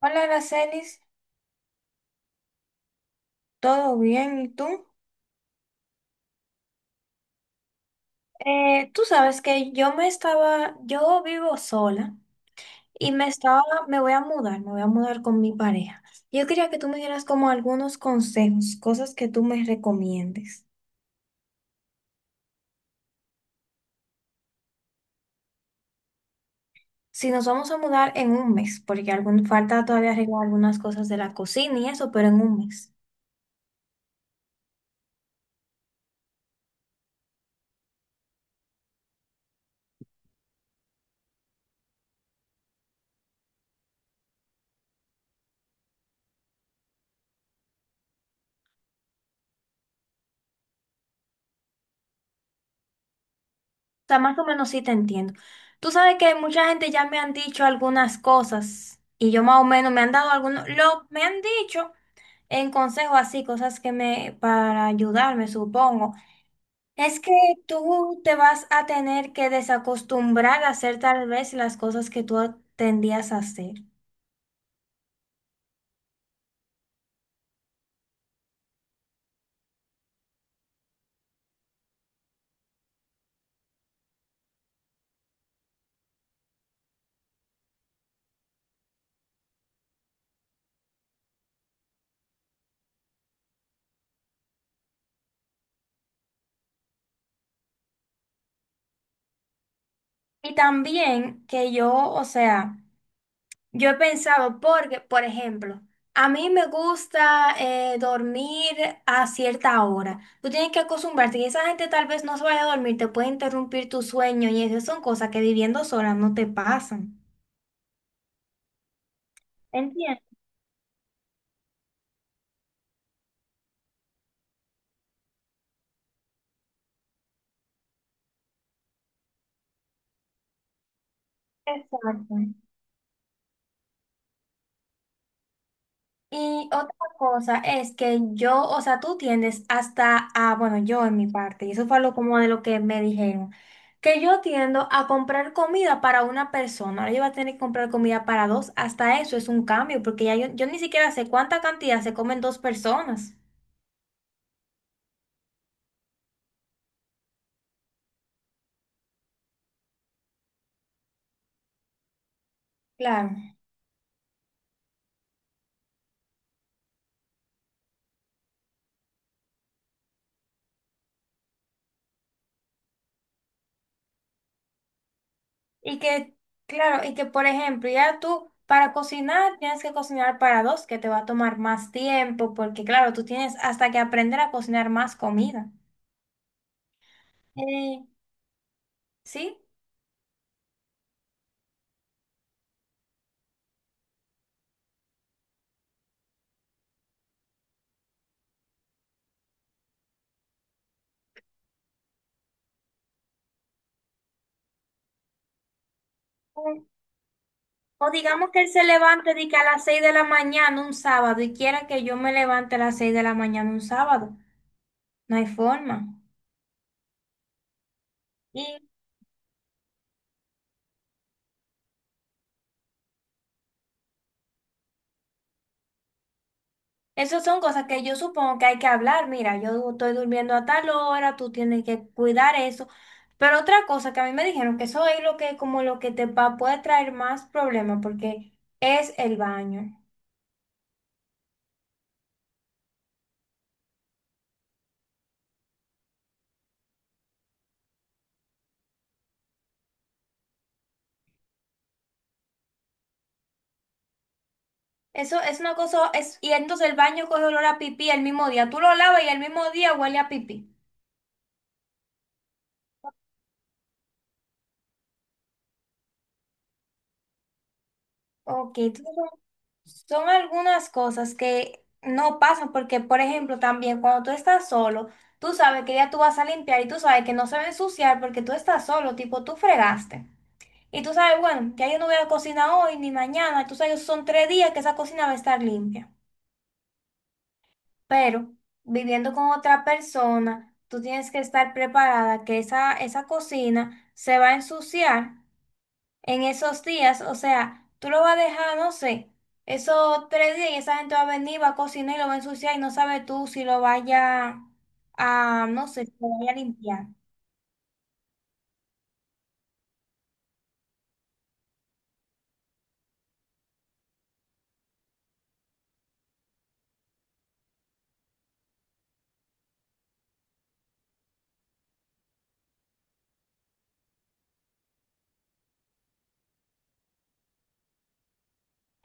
Hola, Aracelis, ¿todo bien? ¿Y tú? Tú sabes que yo vivo sola y me estaba, me voy a mudar con mi pareja. Yo quería que tú me dieras como algunos consejos, cosas que tú me recomiendes. Si nos vamos a mudar en un mes, porque falta todavía arreglar algunas cosas de la cocina y eso, pero en un mes. O sea, más o menos sí te entiendo. Tú sabes que mucha gente ya me han dicho algunas cosas y yo más o menos me han dado me han dicho en consejos así, cosas que para ayudarme, supongo, es que tú te vas a tener que desacostumbrar a hacer tal vez las cosas que tú tendías a hacer. Y también que yo, o sea, yo he pensado, porque, por ejemplo, a mí me gusta dormir a cierta hora. Tú tienes que acostumbrarte y esa gente tal vez no se vaya a dormir, te puede interrumpir tu sueño y esas son cosas que viviendo sola no te pasan. ¿Entiendes? Exacto. Y otra cosa es que yo, o sea, tú tiendes bueno, yo en mi parte, y eso fue lo como de lo que me dijeron, que yo tiendo a comprar comida para una persona, ahora yo voy a tener que comprar comida para dos, hasta eso es un cambio, porque ya yo ni siquiera sé cuánta cantidad se comen dos personas. Claro. Y que, claro, y que por ejemplo, ya tú para cocinar tienes que cocinar para dos, que te va a tomar más tiempo, porque claro, tú tienes hasta que aprender a cocinar más comida. Eh, ¿Sí? eh, O digamos que él se levante de que a las 6 de la mañana un sábado y quiera que yo me levante a las 6 de la mañana un sábado. No hay forma. Y esas son cosas que yo supongo que hay que hablar. Mira, yo estoy durmiendo a tal hora, tú tienes que cuidar eso. Pero otra cosa que a mí me dijeron que eso es lo que como lo que te va, puede traer más problemas porque es el baño. Eso es una cosa, es, y entonces el baño coge olor a pipí el mismo día. Tú lo lavas y el mismo día huele a pipí. Ok, entonces son algunas cosas que no pasan porque, por ejemplo, también cuando tú estás solo, tú sabes que ya tú vas a limpiar y tú sabes que no se va a ensuciar porque tú estás solo, tipo tú fregaste. Y tú sabes, bueno, ya yo no voy a cocinar hoy ni mañana, tú sabes, son 3 días que esa cocina va a estar limpia. Pero viviendo con otra persona, tú tienes que estar preparada que esa cocina se va a ensuciar en esos días, o sea, tú lo vas a dejar, no sé, esos 3 días y esa gente va a venir, va a cocinar y lo va a ensuciar y no sabes tú no sé, si lo vaya a limpiar.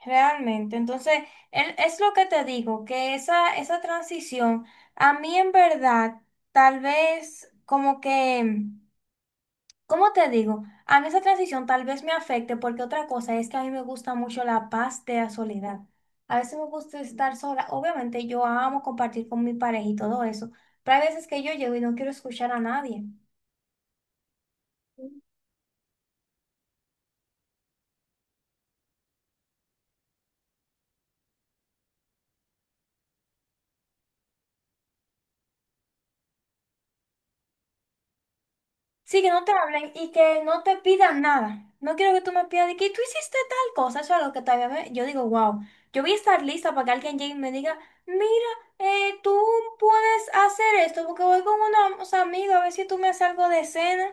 Realmente, entonces, es lo que te digo, que esa transición, a mí en verdad, tal vez como que... ¿Cómo te digo? A mí esa transición tal vez me afecte porque otra cosa es que a mí me gusta mucho la paz de la soledad. A veces me gusta estar sola. Obviamente yo amo compartir con mi pareja y todo eso, pero hay veces que yo llego y no quiero escuchar a nadie. Sí, que no te hablen y que no te pidan nada. No quiero que tú me pidas de que tú hiciste tal cosa. Eso es algo que yo digo, wow, yo voy a estar lista para que alguien llegue y me diga, mira, tú puedes hacer esto porque voy con unos amigos a ver si tú me haces algo de cena.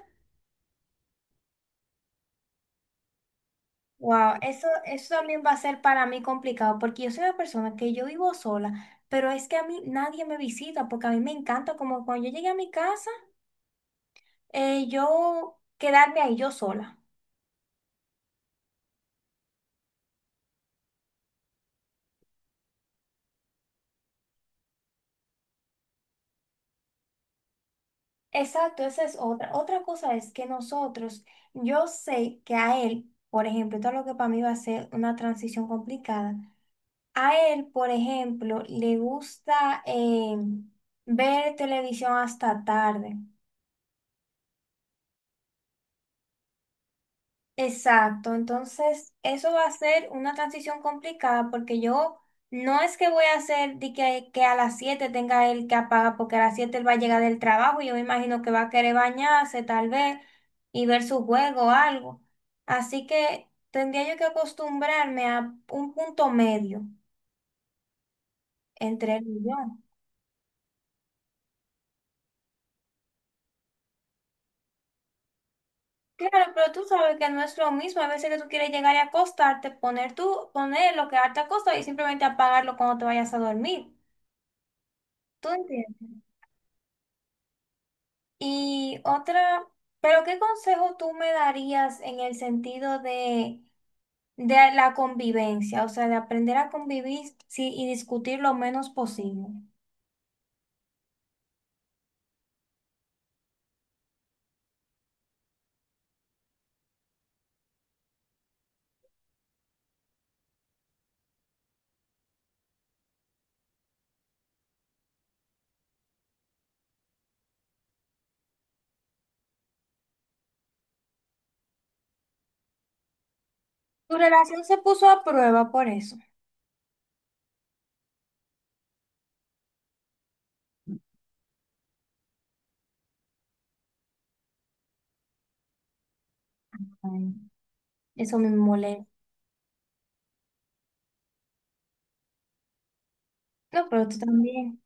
Wow, eso también va a ser para mí complicado porque yo soy una persona que yo vivo sola, pero es que a mí nadie me visita porque a mí me encanta como cuando yo llegué a mi casa, yo quedarme ahí yo sola. Exacto, esa es otra. Otra cosa es que nosotros, yo sé que a él, por ejemplo, todo lo que para mí va a ser una transición complicada, a él, por ejemplo, le gusta ver televisión hasta tarde. Exacto, entonces eso va a ser una transición complicada porque yo no es que voy a hacer que a las 7 tenga él que apagar porque a las 7 él va a llegar del trabajo y yo me imagino que va a querer bañarse tal vez y ver su juego o algo. Así que tendría yo que acostumbrarme a un punto medio entre él y yo. Claro, pero tú sabes que no es lo mismo. A veces que tú quieres llegar y acostarte, ponerlo, quedarte acostado y simplemente apagarlo cuando te vayas a dormir. ¿Tú entiendes? Y otra, pero ¿qué consejo tú me darías en el sentido de la convivencia? O sea, de aprender a convivir sí, y discutir lo menos posible. Tu relación se puso a prueba por eso. Ay, eso me molesta. No, pero tú también.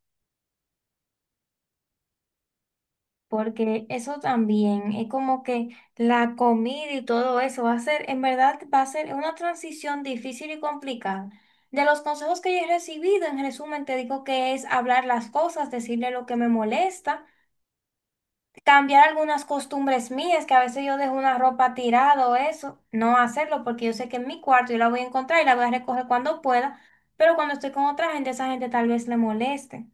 Porque eso también es como que la comida y todo eso va a ser, en verdad, va a ser una transición difícil y complicada. De los consejos que yo he recibido, en resumen, te digo que es hablar las cosas, decirle lo que me molesta, cambiar algunas costumbres mías, que a veces yo dejo una ropa tirada o eso, no hacerlo porque yo sé que en mi cuarto yo la voy a encontrar y la voy a recoger cuando pueda, pero cuando estoy con otra gente, esa gente tal vez le moleste.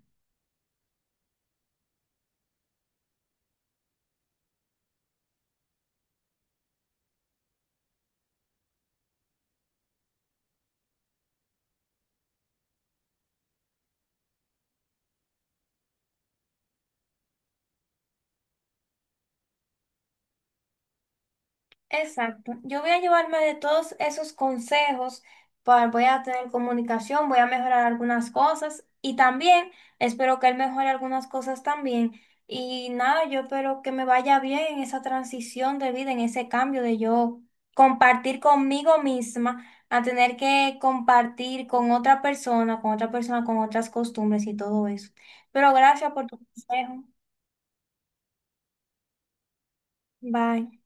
Exacto. Yo voy a llevarme de todos esos consejos, voy a tener comunicación, voy a mejorar algunas cosas y también espero que él mejore algunas cosas también. Y nada, yo espero que me vaya bien en esa transición de vida, en ese cambio de yo compartir conmigo misma a tener que compartir con otra persona, con otras costumbres y todo eso. Pero gracias por tu consejo. Bye.